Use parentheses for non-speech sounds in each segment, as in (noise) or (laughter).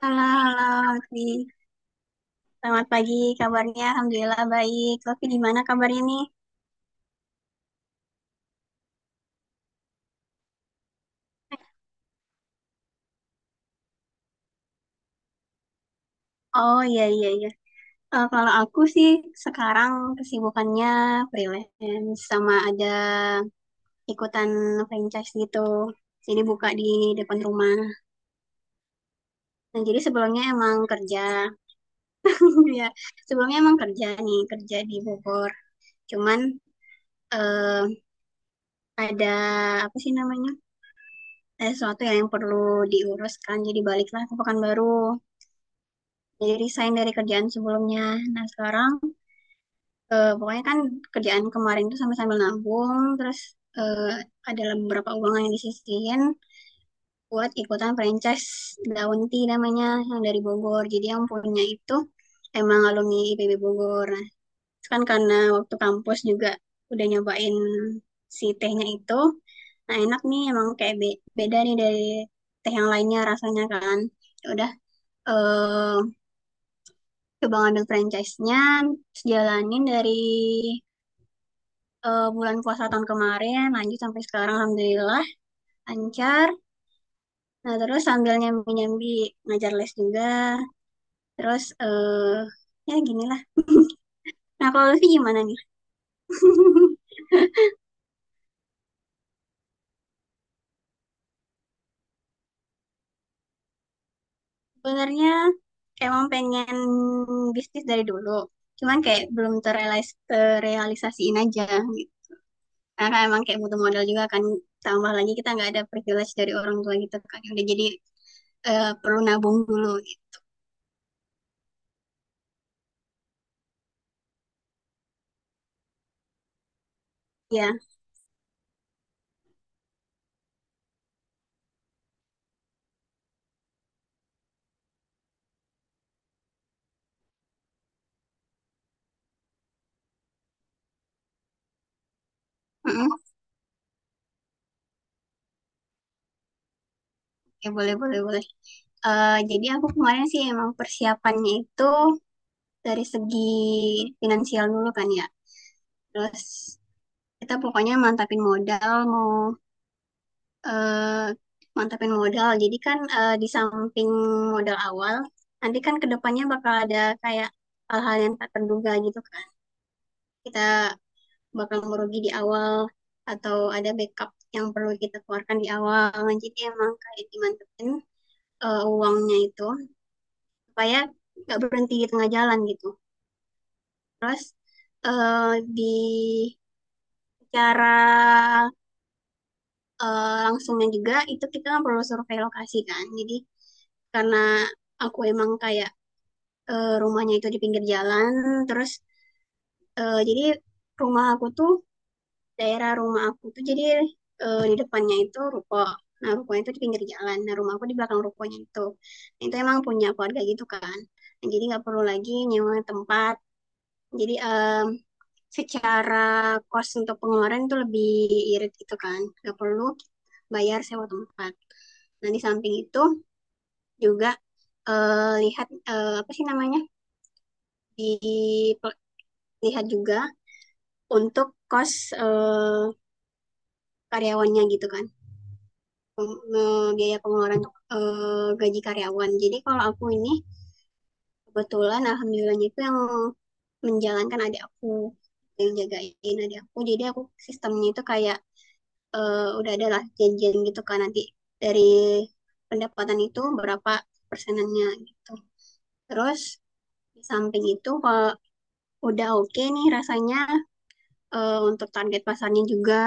Halo, halo, Lofi. Selamat pagi, kabarnya Alhamdulillah baik. Lofi, gimana kabarnya nih? Oh, iya, iya, iya. Kalau aku sih sekarang kesibukannya freelance sama ada ikutan franchise gitu. Jadi buka di depan rumah. Nah, jadi sebelumnya emang kerja. (laughs) Ya, sebelumnya emang kerja nih, kerja di Bogor. Cuman eh ada apa sih namanya? Ada sesuatu yang perlu diuruskan. Jadi baliklah ke Pekanbaru. Jadi resign dari kerjaan sebelumnya. Nah sekarang pokoknya kan kerjaan kemarin tuh sambil-sambil nabung, terus eh, ada beberapa uang yang disisihin buat ikutan franchise Daun Tea namanya yang dari Bogor. Jadi yang punya itu emang alumni IPB Bogor. Nah, itu kan karena waktu kampus juga udah nyobain si tehnya itu. Nah enak nih emang kayak beda nih dari teh yang lainnya rasanya kan. Ya udah eh, coba ngambil franchise-nya, terus jalanin dari bulan puasa tahun kemarin, lanjut sampai sekarang Alhamdulillah, lancar. Nah, terus sambil nyambi-nyambi ngajar les juga, terus ya ginilah. Nah, kalau Lutfi gimana nih? (laughs) Sebenarnya emang pengen bisnis dari dulu, cuman kayak belum terrealisasiin aja. Karena emang kayak butuh modal juga kan. Tambah lagi kita nggak ada privilege dari orang tua gitu kan. Udah jadi perlu nabung dulu. Gitu. Ya, mm-mm. Ya, boleh boleh boleh. Jadi aku kemarin sih emang persiapannya itu dari segi finansial dulu kan ya. Terus kita pokoknya mantapin modal mau mantapin modal. Jadi kan di samping modal awal, nanti kan kedepannya bakal ada kayak hal-hal yang tak terduga gitu kan. Kita bakal merugi di awal atau ada backup yang perlu kita keluarkan di awal. Jadi emang kayak dimantepin uangnya itu supaya nggak berhenti di tengah jalan gitu. Terus eh, di cara langsungnya juga itu kita kan perlu survei lokasi kan. Jadi karena aku emang kayak rumahnya itu di pinggir jalan, terus jadi rumah aku tuh daerah rumah aku tuh jadi di depannya itu ruko. Nah, rukonya itu di pinggir jalan. Nah, rumah aku di belakang rukonya itu. Nah, itu emang punya keluarga gitu kan. Nah, jadi nggak perlu lagi nyewa tempat. Jadi secara kos untuk pengeluaran itu lebih irit gitu kan. Nggak perlu bayar sewa tempat. Nah, di samping itu juga lihat apa sih namanya? Di lihat juga untuk kos eh, karyawannya gitu kan. Biaya pengeluaran gaji karyawan. Jadi kalau aku ini kebetulan alhamdulillahnya itu yang menjalankan adik aku yang jagain adik aku. Jadi aku sistemnya itu kayak udah ada lah janjian gitu kan nanti dari pendapatan itu berapa persenannya gitu. Terus di samping itu kalau udah oke okay nih rasanya untuk target pasarnya juga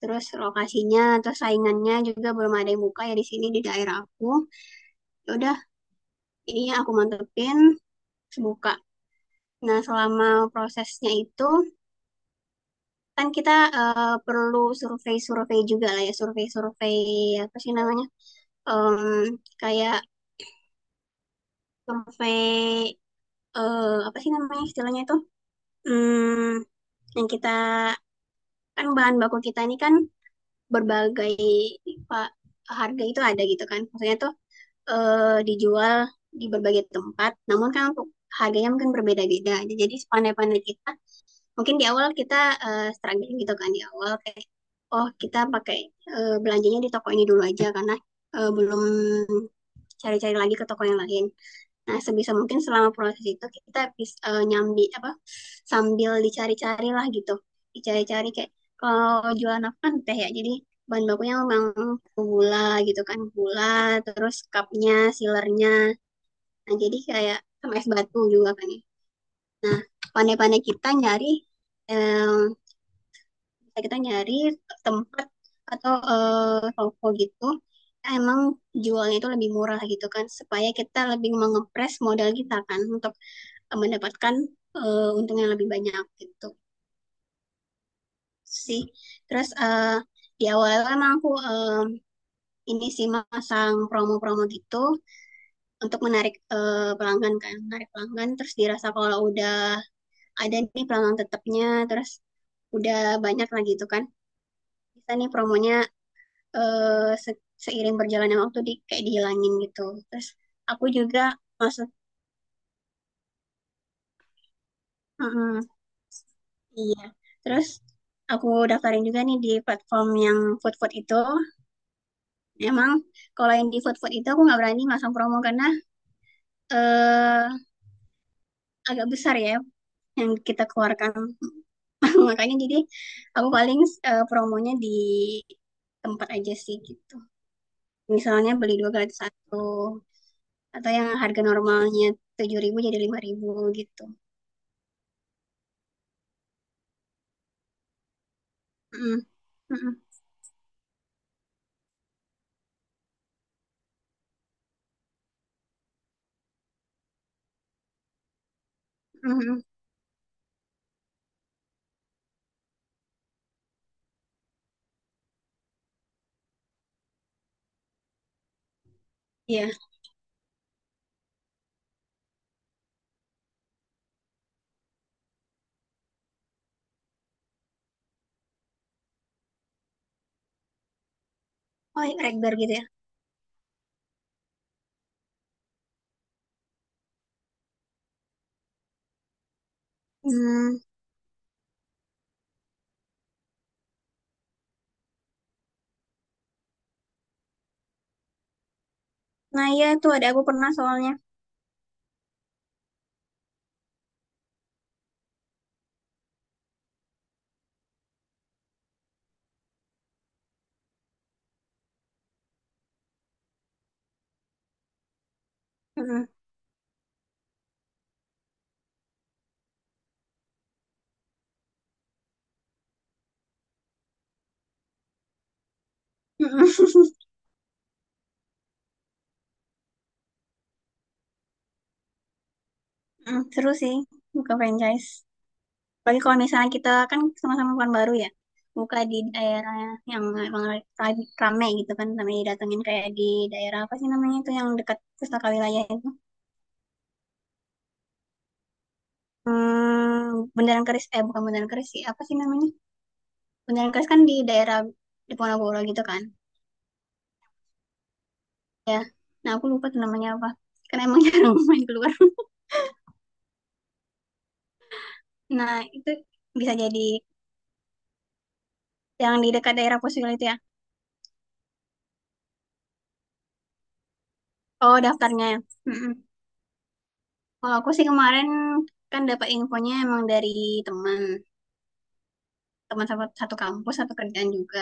terus lokasinya terus saingannya juga belum ada yang buka ya di sini di daerah aku ya udah ini aku mantepin buka. Nah, selama prosesnya itu kan kita perlu survei-survei juga lah ya, survei-survei apa sih namanya? Kayak survei apa sih namanya istilahnya itu? Hmm, yang kita kan bahan baku kita ini kan berbagai pak harga itu ada gitu kan. Maksudnya tuh dijual di berbagai tempat, namun kan untuk harganya mungkin berbeda-beda. Jadi sepandai-pandai kita mungkin di awal kita struggling gitu kan di awal kayak oh kita pakai belanjanya di toko ini dulu aja karena belum cari-cari lagi ke toko yang lain. Nah, sebisa mungkin selama proses itu kita bisa nyambi apa sambil dicari-cari lah gitu. Dicari-cari kayak kalau jualan apa kan teh ya. Jadi bahan bakunya memang gula gitu kan. Gula, terus cupnya, sealernya. Nah, jadi kayak sama es batu juga kan ya. Nah, pandai-pandai kita nyari em, kita nyari tempat atau toko gitu emang jualnya itu lebih murah gitu kan supaya kita lebih mengepres modal kita kan untuk mendapatkan untung yang lebih banyak gitu sih. Terus di awal emang aku ini sih masang promo-promo gitu untuk menarik pelanggan kan, menarik pelanggan terus dirasa kalau udah ada nih pelanggan tetapnya terus udah banyak lagi itu kan. Bisa nih promonya seiring berjalannya waktu di kayak dihilangin gitu. Terus aku juga masuk, mm-mm, iya. Terus aku daftarin juga nih di platform yang food food itu. Emang kalau yang di food food itu aku nggak berani masang promo karena eh agak besar ya yang kita keluarkan. (laughs) Makanya jadi aku paling promonya di tempat aja sih gitu. Misalnya beli dua gratis satu atau yang harga normalnya 7.000 jadi 5.000 gitu. Mm, mm, mm, mm. Iya. Oh, Rekber gitu ya. Hmm. Nah, iya itu ada aku pernah soalnya. Mm, mm, mm, (laughs) mm. Seru sih buka franchise. Bagi kalau misalnya kita kan sama-sama bukan baru ya. Buka di daerah yang emang rame gitu kan sampai didatengin kayak di daerah apa sih namanya itu yang dekat pustaka wilayah itu. Hmm, Bundaran Keris eh bukan Bundaran Keris sih, apa sih namanya? Bundaran Keris kan di daerah di Diponegoro gitu kan. Ya. Nah, aku lupa tuh namanya apa. Karena emang (laughs) jarang main keluar. Nah, itu bisa jadi yang di dekat daerah Posil itu ya. Oh, daftarnya ya. Mm-mm. Kalau aku sih kemarin kan dapat infonya emang dari teman, teman satu kampus, satu kerjaan juga.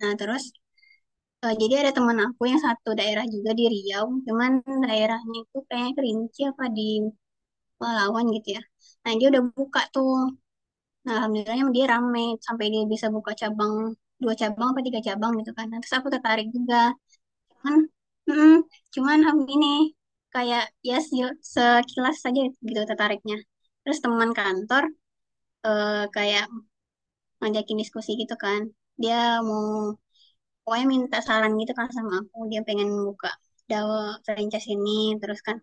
Nah, terus jadi ada teman aku yang satu daerah juga di Riau, cuman daerahnya itu kayaknya Kerinci apa di Palawan gitu ya. Nah, dia udah buka tuh. Nah, alhamdulillahnya dia rame sampai dia bisa buka cabang dua cabang apa tiga cabang gitu kan. Nah, terus aku tertarik juga. Cuman, mm, cuman aku ini kayak ya sekilas saja gitu tertariknya. Terus teman kantor kayak ngajakin diskusi gitu kan. Dia mau pokoknya minta saran gitu kan sama aku. Dia pengen buka DAO franchise ini terus kan.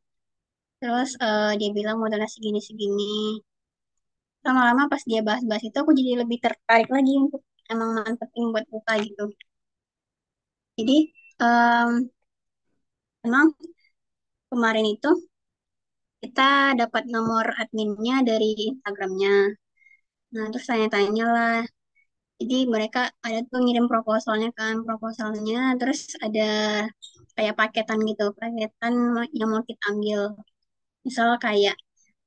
Terus dia bilang modalnya segini segini. Lama-lama pas dia bahas-bahas itu aku jadi lebih tertarik lagi untuk emang mantepin buat buka gitu. Jadi em, emang kemarin itu kita dapat nomor adminnya dari Instagramnya. Nah, terus tanya-tanya lah. Jadi mereka ada tuh ngirim proposalnya kan, proposalnya. Terus ada kayak paketan gitu, paketan yang mau kita ambil. Misal kayak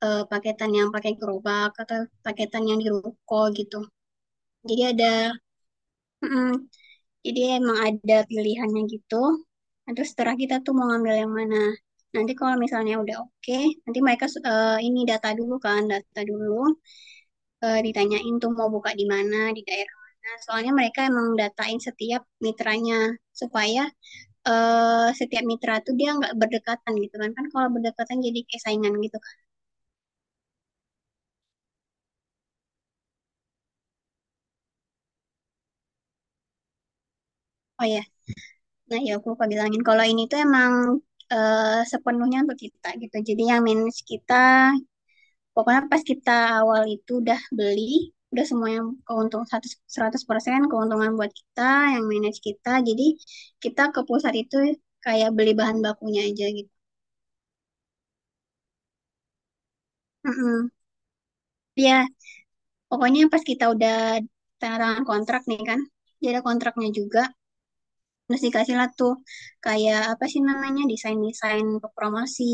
paketan yang pakai gerobak atau paketan yang di ruko gitu. Jadi ada, mm, jadi emang ada pilihannya gitu. Nah, terus setelah kita tuh mau ngambil yang mana. Nanti kalau misalnya udah oke, nanti mereka ini data dulu kan, data dulu. Ditanyain tuh mau buka di mana, di daerah mana. Soalnya mereka emang datain setiap mitranya supaya setiap mitra tuh dia nggak berdekatan gitu kan. Kan kalau berdekatan jadi kayak saingan gitu kan. Oh ya, nah ya aku lupa bilangin kalau ini tuh emang sepenuhnya untuk kita gitu. Jadi yang manage kita, pokoknya pas kita awal itu udah beli, udah semuanya yang keuntung 100%, 100% keuntungan buat kita, yang manage kita. Jadi kita ke pusat itu kayak beli bahan bakunya aja gitu. Mm-mm. Ya, pokoknya pas kita udah tanda tangan kontrak nih kan, jadi ada kontraknya juga, terus dikasih lah tuh kayak apa sih namanya desain-desain untuk promosi,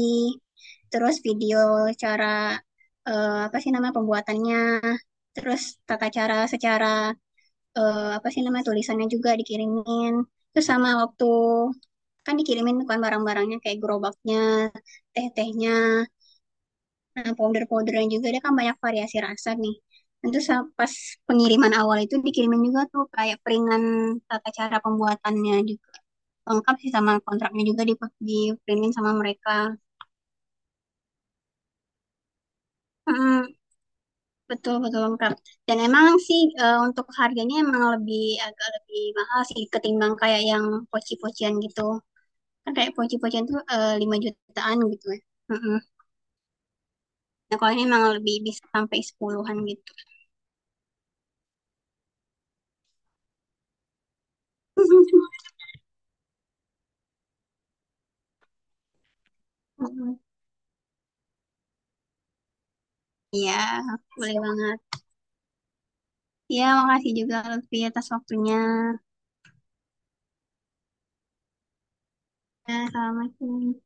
terus video cara apa sih nama pembuatannya, terus tata cara secara apa sih nama tulisannya juga dikirimin, terus sama waktu kan dikirimin bukan barang-barangnya kayak gerobaknya, teh-tehnya. Nah, powder-powderan juga dia kan banyak variasi rasa nih. Pas pengiriman awal itu dikirimin juga tuh kayak peringan tata cara pembuatannya juga. Lengkap sih sama kontraknya juga diprintin sama mereka. Mm, betul betul lengkap. Dan emang sih untuk harganya emang lebih agak lebih mahal sih ketimbang kayak yang poci-pocian gitu. Kan kayak poci-pocian tuh 5 jutaan gitu ya. Mm-mm. Nah, kalau ini emang lebih bisa sampai sepuluhan an gitu. (laughs) Mm-mm. Iya, boleh banget. Iya, makasih juga Lutfi atas waktunya. Ya, Assalamualaikum.